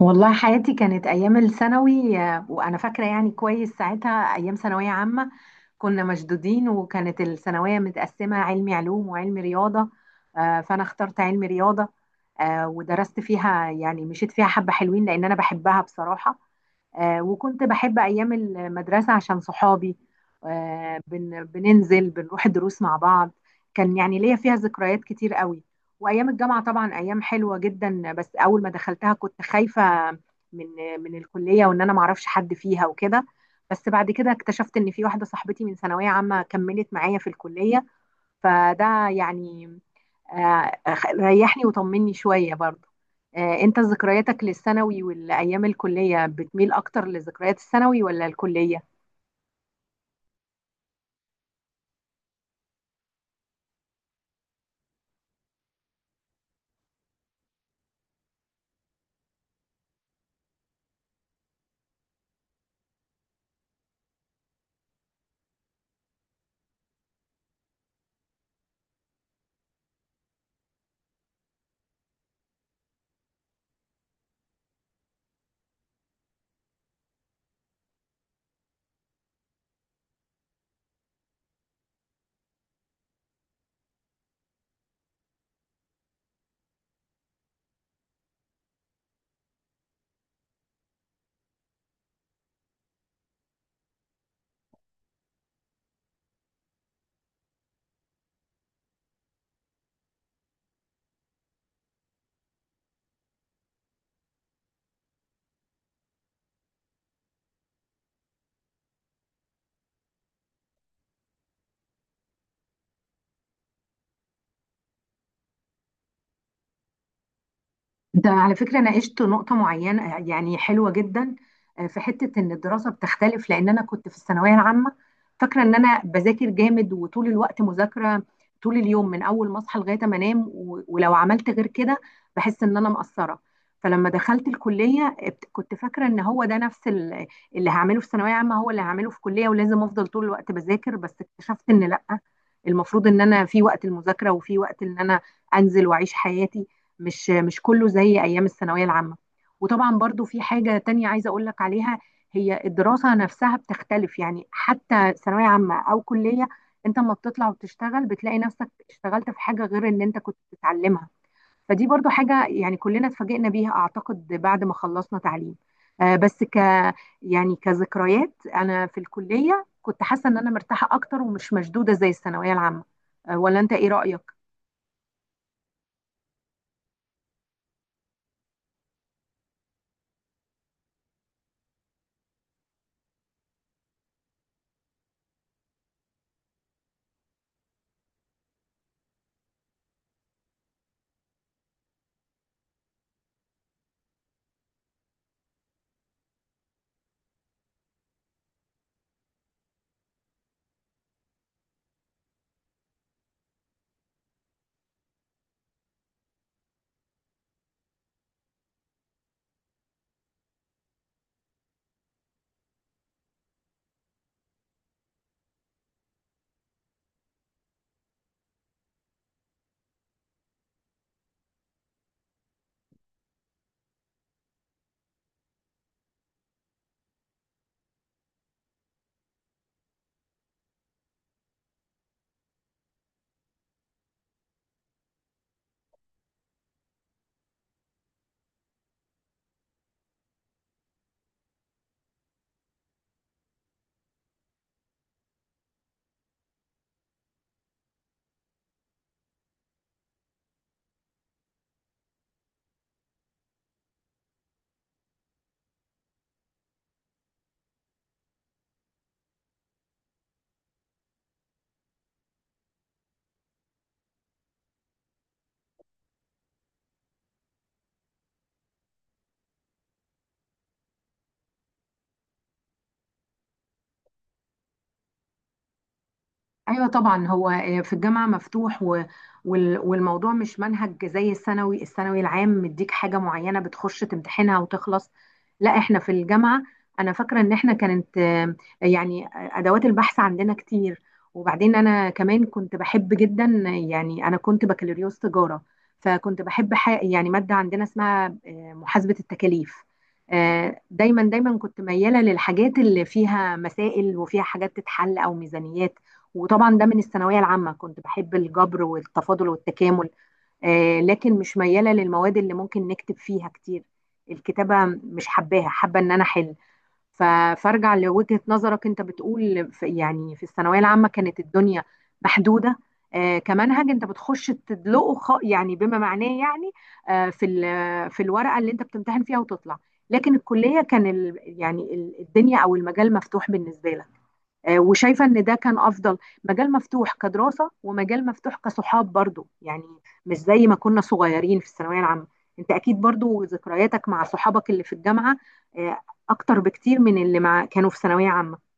والله حياتي كانت أيام الثانوي، وأنا فاكرة يعني كويس ساعتها أيام ثانوية عامة. كنا مشدودين، وكانت الثانوية متقسمة علمي علوم وعلمي رياضة، فأنا اخترت علمي رياضة. ودرست فيها يعني مشيت فيها حبة حلوين لأن أنا بحبها بصراحة. وكنت بحب أيام المدرسة عشان صحابي. بننزل بنروح الدروس مع بعض. كان يعني ليا فيها ذكريات كتير قوي. وأيام الجامعة طبعا أيام حلوة جدا، بس أول ما دخلتها كنت خايفة من من الكلية، وإن أنا معرفش حد فيها وكده. بس بعد كده اكتشفت إن في واحدة صاحبتي من ثانوية عامة كملت معايا في الكلية، فده يعني آه، ريحني وطمني شوية برضه. انت ذكرياتك للثانوي والايام الكلية بتميل اكتر لذكريات الثانوي ولا الكلية؟ ده على فكرة ناقشت نقطة معينة يعني حلوة جدا. في حتة إن الدراسة بتختلف، لأن أنا كنت في الثانوية العامة فاكرة إن أنا بذاكر جامد وطول الوقت مذاكرة، طول اليوم من أول ما أصحى لغاية ما أنام، ولو عملت غير كده بحس إن أنا مقصرة. فلما دخلت الكلية كنت فاكرة إن هو ده نفس اللي هعمله في ثانوية عامة هو اللي هعمله في كلية، ولازم أفضل طول الوقت بذاكر. بس اكتشفت إن لأ، المفروض إن أنا في وقت المذاكرة وفي وقت إن أنا أنزل وأعيش حياتي. مش كله زي ايام الثانويه العامه. وطبعا برضو في حاجه تانية عايزه اقول لك عليها، هي الدراسه نفسها بتختلف يعني، حتى ثانويه عامه او كليه انت لما بتطلع وبتشتغل بتلاقي نفسك اشتغلت في حاجه غير اللي انت كنت بتتعلمها. فدي برضو حاجه يعني كلنا اتفاجئنا بيها اعتقد بعد ما خلصنا تعليم. آه، بس ك يعني كذكريات، انا في الكليه كنت حاسه ان انا مرتاحه اكتر ومش مشدوده زي الثانويه العامه. ولا انت ايه رايك؟ ايوه طبعا، هو في الجامعه مفتوح، والموضوع مش منهج زي الثانوي العام مديك حاجه معينه بتخش تمتحنها وتخلص. لا، احنا في الجامعه انا فاكره ان احنا كانت يعني ادوات البحث عندنا كتير. وبعدين انا كمان كنت بحب جدا، يعني انا كنت بكالوريوس تجاره، فكنت بحب يعني ماده عندنا اسمها محاسبه التكاليف. دايما دايما كنت مياله للحاجات اللي فيها مسائل وفيها حاجات تتحل او ميزانيات. وطبعا ده من الثانويه العامه كنت بحب الجبر والتفاضل والتكامل. لكن مش مياله للمواد اللي ممكن نكتب فيها كتير، الكتابه مش حباها، حابه ان انا احل. ف- فارجع لوجهه نظرك، انت بتقول في يعني في الثانويه العامه كانت الدنيا محدوده، كمنهج انت بتخش تدلقه يعني بما معناه يعني في الورقه اللي انت بتمتحن فيها وتطلع، لكن الكليه كان الدنيا او المجال مفتوح بالنسبه لك. وشايفة ان ده كان افضل، مجال مفتوح كدراسة ومجال مفتوح كصحاب برضو يعني، مش زي ما كنا صغيرين في الثانوية العامة. انت اكيد برضو ذكرياتك مع صحابك اللي في الجامعة آه، اكتر بكتير من اللي مع كانوا في ثانوية عامة.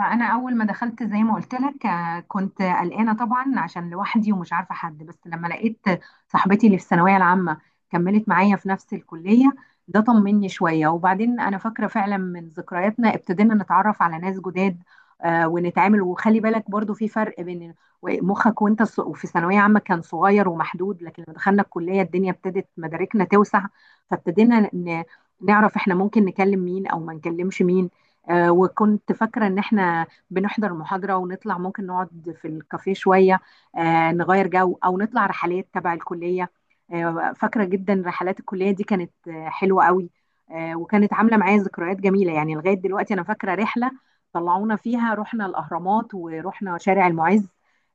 انا اول ما دخلت زي ما قلت لك كنت قلقانه طبعا عشان لوحدي ومش عارفه حد، بس لما لقيت صاحبتي اللي في الثانويه العامه كملت معايا في نفس الكليه ده طمني شويه. وبعدين انا فاكره فعلا من ذكرياتنا ابتدينا نتعرف على ناس جداد ونتعامل. وخلي بالك برضو في فرق بين مخك وانت وفي ثانويه عامه كان صغير ومحدود، لكن لما دخلنا الكليه الدنيا ابتدت مداركنا توسع، فابتدينا نعرف احنا ممكن نكلم مين او ما نكلمش مين. وكنت فاكرة إن إحنا بنحضر محاضرة ونطلع ممكن نقعد في الكافيه شوية، نغير جو أو نطلع رحلات تبع الكلية. فاكرة جدا رحلات الكلية دي كانت حلوة قوي. وكانت عاملة معايا ذكريات جميلة يعني. لغاية دلوقتي أنا فاكرة رحلة طلعونا فيها، رحنا الأهرامات ورحنا شارع المعز،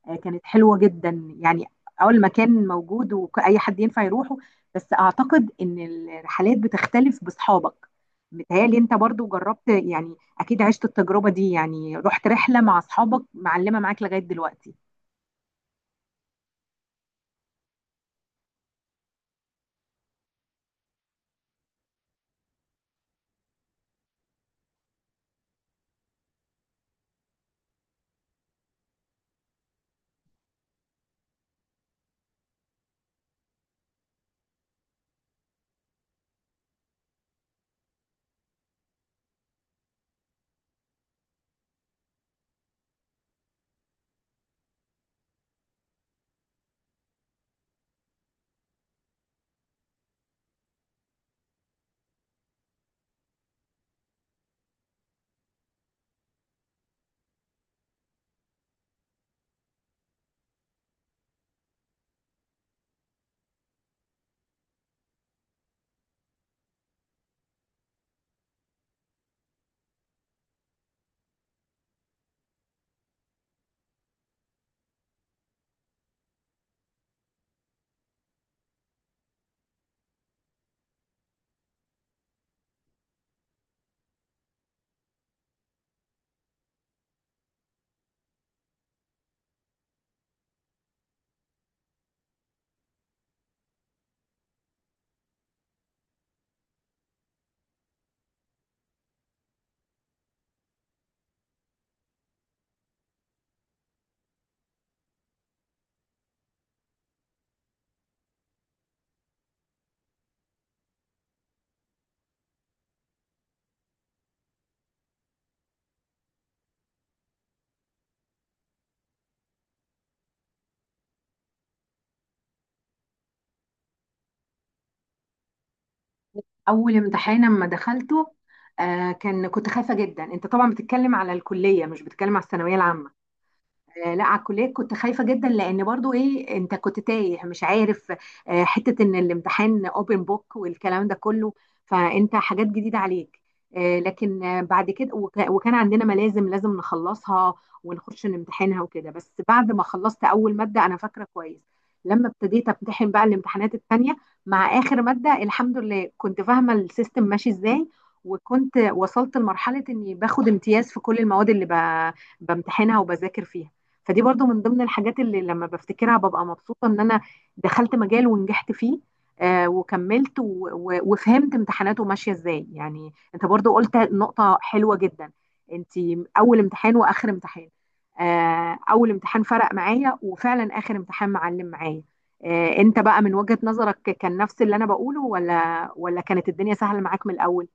كانت حلوة جدا يعني. أول مكان موجود وأي حد ينفع يروحه، بس أعتقد إن الرحلات بتختلف بأصحابك. متهيألي أنت برضو جربت يعني، اكيد عشت التجربه دي، يعني رحت رحله مع اصحابك معلمه معاك لغايه دلوقتي. اول امتحان اما دخلته آه كان كنت خايفه جدا. انت طبعا بتتكلم على الكليه مش بتتكلم على الثانويه العامه؟ لا، على الكليه كنت خايفه جدا، لان برضو ايه، انت كنت تايه مش عارف، حته ان الامتحان اوبن بوك والكلام ده كله، فانت حاجات جديده عليك. لكن بعد كده وكان عندنا ملازم لازم نخلصها ونخش نمتحنها وكده. بس بعد ما خلصت اول ماده انا فاكره كويس، لما ابتديت امتحن بقى الامتحانات التانية، مع اخر ماده الحمد لله كنت فاهمه السيستم ماشي ازاي، وكنت وصلت لمرحله اني باخد امتياز في كل المواد اللي بمتحنها وبذاكر فيها. فدي برضو من ضمن الحاجات اللي لما بفتكرها ببقى مبسوطة ان انا دخلت مجال ونجحت فيه، وكملت وفهمت امتحاناته ماشية ازاي. يعني انت برضو قلت نقطة حلوة جدا، انت اول امتحان واخر امتحان. اول امتحان فرق معايا، وفعلا اخر امتحان معلم معايا. انت بقى من وجهة نظرك كان نفس اللي انا بقوله، ولا كانت الدنيا سهلة معاك من الاول؟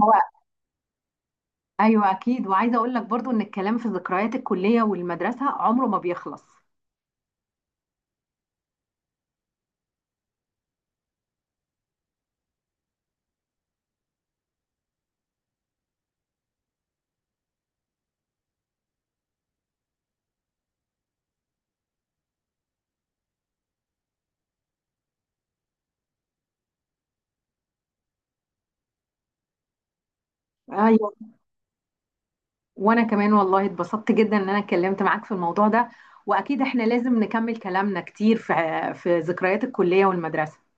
هو ايوه اكيد. وعايزه اقول لك برضو ان الكلام في ذكريات الكليه والمدرسه عمره ما بيخلص. ايوه، وانا كمان والله اتبسطت جدا ان انا اتكلمت معاك في الموضوع ده، واكيد احنا لازم نكمل كلامنا كتير في ذكريات الكلية والمدرسة.